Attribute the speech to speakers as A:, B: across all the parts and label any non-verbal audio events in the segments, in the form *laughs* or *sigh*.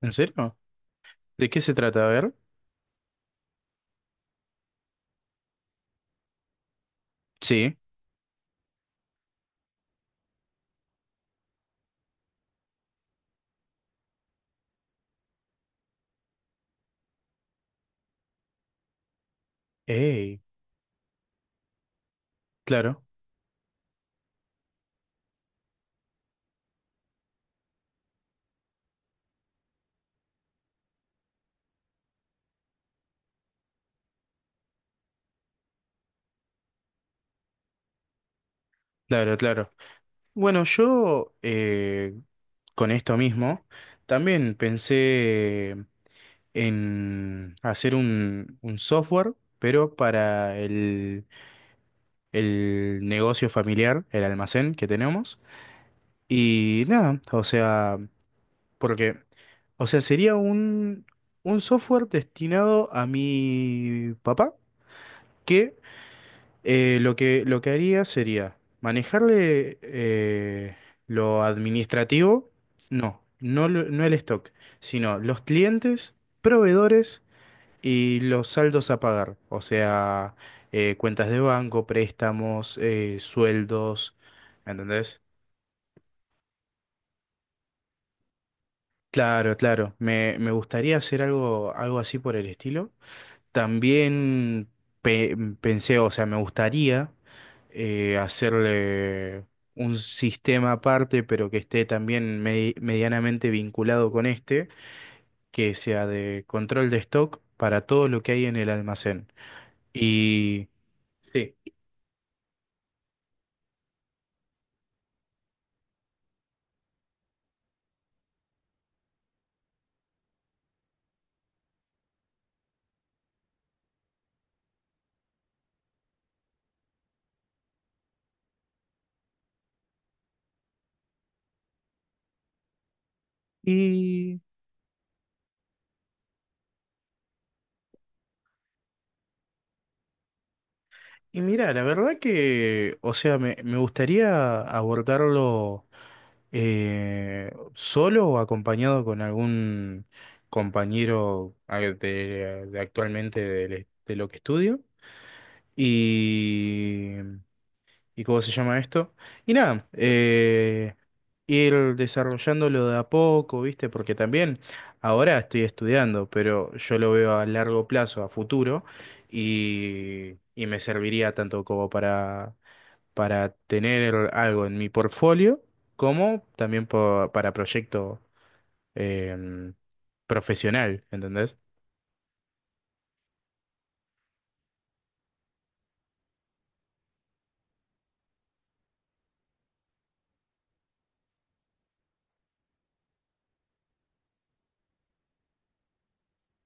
A: ¿En serio? ¿De qué se trata? A ver. Sí. Ey, claro, claro, claro. Bueno, yo con esto mismo también pensé en hacer un software, pero para el negocio familiar, el almacén que tenemos. Y nada, o sea, porque, o sea, sería un software destinado a mi papá. que lo que haría sería manejarle lo administrativo, no el stock, sino los clientes, proveedores y los saldos a pagar, o sea, cuentas de banco, préstamos, sueldos, ¿entendés? Claro, claro, me gustaría hacer algo así por el estilo. También pe- pensé, o sea, me gustaría hacerle un sistema aparte, pero que esté también medianamente vinculado con este, que sea de control de stock para todo lo que hay en el almacén. Y sí. Y mira, la verdad que, o sea, me gustaría abordarlo ¿solo o acompañado con algún compañero de actualmente de lo que estudio? Y ¿y cómo se llama esto? Y nada, ir desarrollándolo de a poco, ¿viste? Porque también ahora estoy estudiando, pero yo lo veo a largo plazo, a futuro, y me serviría tanto como para tener algo en mi portfolio, como también para proyecto em, profesional, ¿entendés?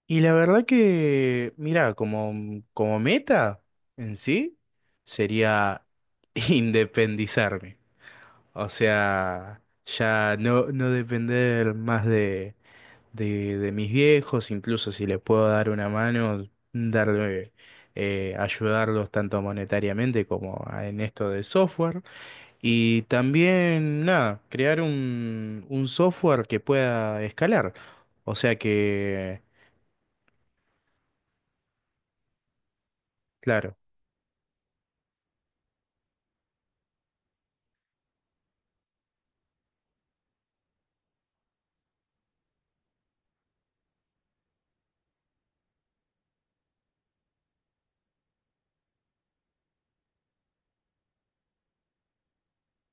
A: Y la verdad que, mira, como, como meta en sí, sería *laughs* independizarme. O sea, ya no depender más de, de mis viejos, incluso si les puedo dar una mano, darle, ayudarlos tanto monetariamente como en esto de software. Y también, nada, crear un software que pueda escalar. O sea que, claro.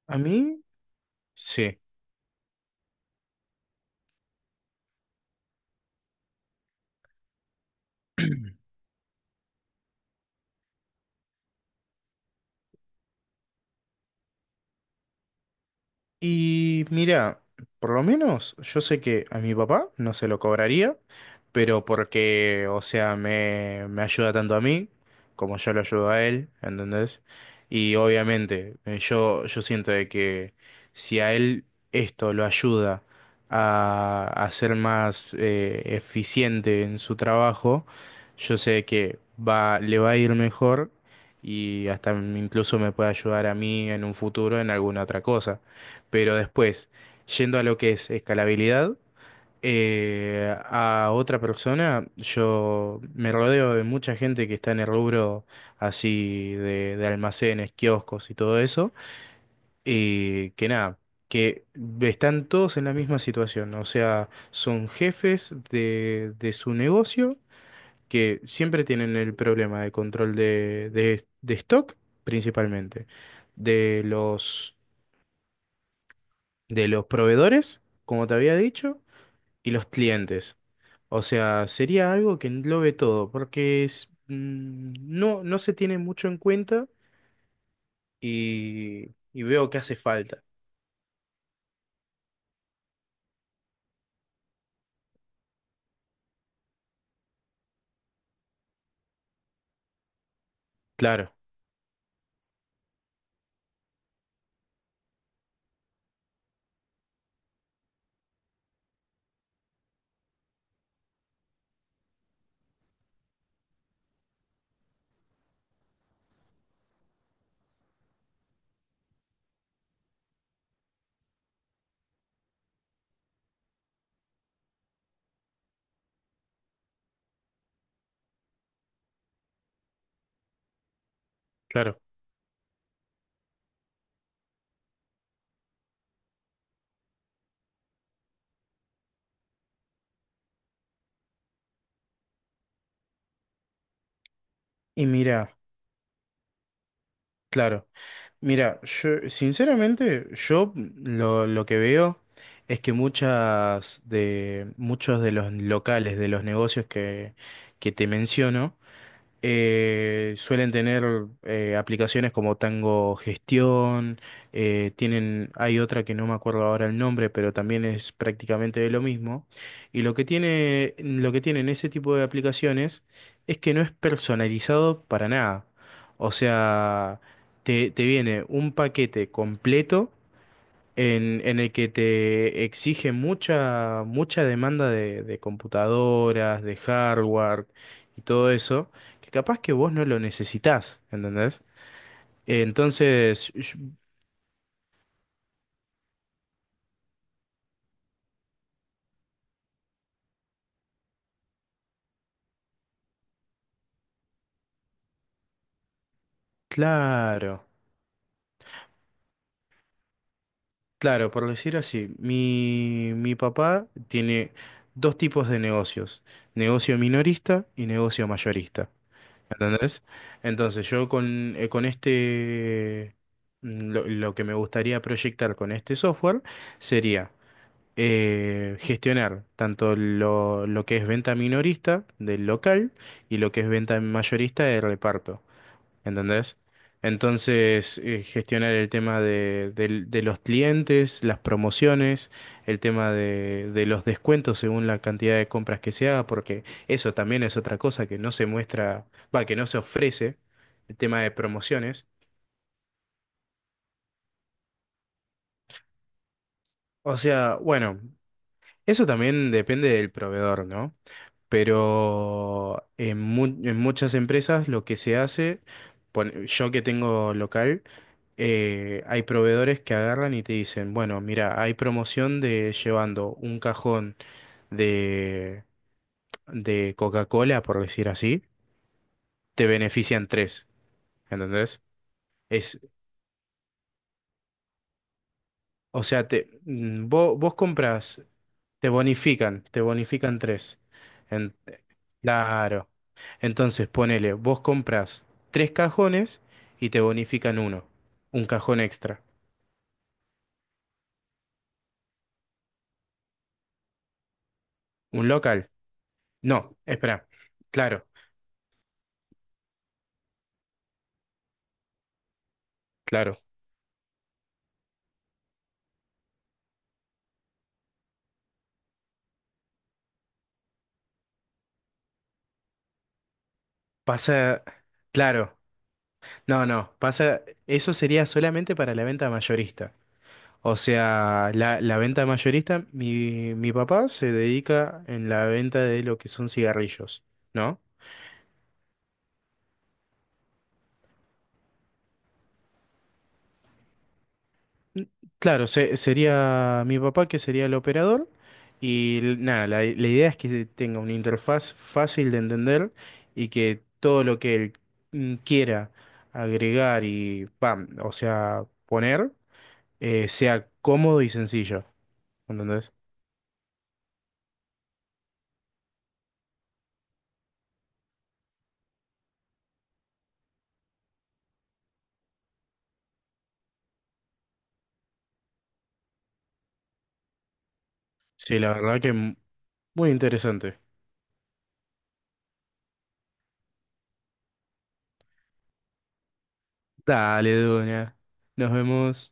A: A mí. Sí. Y mira, por lo menos yo sé que a mi papá no se lo cobraría, pero porque, o sea, me ayuda tanto a mí como yo lo ayudo a él, ¿entendés? Y obviamente, yo siento de que si a él esto lo ayuda a ser más eficiente en su trabajo, yo sé que va, le va a ir mejor y hasta incluso me puede ayudar a mí en un futuro en alguna otra cosa. Pero después, yendo a lo que es escalabilidad, a otra persona, yo me rodeo de mucha gente que está en el rubro así de almacenes, kioscos y todo eso, y que nada, que están todos en la misma situación, o sea, son jefes de su negocio que siempre tienen el problema de control de, de stock principalmente de los de los proveedores, como te había dicho, y los clientes. O sea, sería algo que englobe todo, porque es, mm, no se tiene mucho en cuenta y veo que hace falta. Claro, claro. Y mira, claro, mira, yo sinceramente, lo que veo es que muchos de los locales, de los negocios que te menciono, suelen tener aplicaciones como Tango Gestión, tienen, hay otra que no me acuerdo ahora el nombre, pero también es prácticamente de lo mismo. Y lo que tienen ese tipo de aplicaciones es que no es personalizado para nada. O sea, te viene un paquete completo en el que te exige mucha demanda de computadoras, de hardware y todo eso, que capaz que vos no lo necesitás, ¿entendés? Entonces, yo- claro, claro, por decir así, mi papá tiene dos tipos de negocios, negocio minorista y negocio mayorista, ¿entendés? Entonces, con este, mm, lo que me gustaría proyectar con este software, sería gestionar tanto lo que es venta minorista del local y lo que es venta mayorista del reparto, ¿entendés? Entonces, gestionar el tema de los clientes, las promociones, el tema de los descuentos según la cantidad de compras que se haga, porque eso también es otra cosa que no se muestra, va, que no se ofrece, el tema de promociones. O sea, bueno, eso también depende del proveedor, ¿no? Pero en muchas empresas lo que se hace, yo que tengo local, hay proveedores que agarran y te dicen, bueno, mira, hay promoción de llevando un cajón de, de Coca-Cola, por decir así, te benefician tres, ¿entendés? Es, o sea, vos compras, te bonifican tres. En claro. Entonces, ponele, vos compras tres cajones y te bonifican uno, un cajón extra, un local. No, espera, claro, claro, pasa, claro, no, no, pasa, eso sería solamente para la venta mayorista. O sea, la venta mayorista, mi papá se dedica en la venta de lo que son cigarrillos, ¿no? Claro, sería mi papá que sería el operador nada, la idea es que tenga una interfaz fácil de entender y que todo lo que él mm, quiera agregar y pam, o sea, poner sea cómodo y sencillo, ¿entendés? Sí, la verdad que muy interesante. Dale, Duña, nos vemos.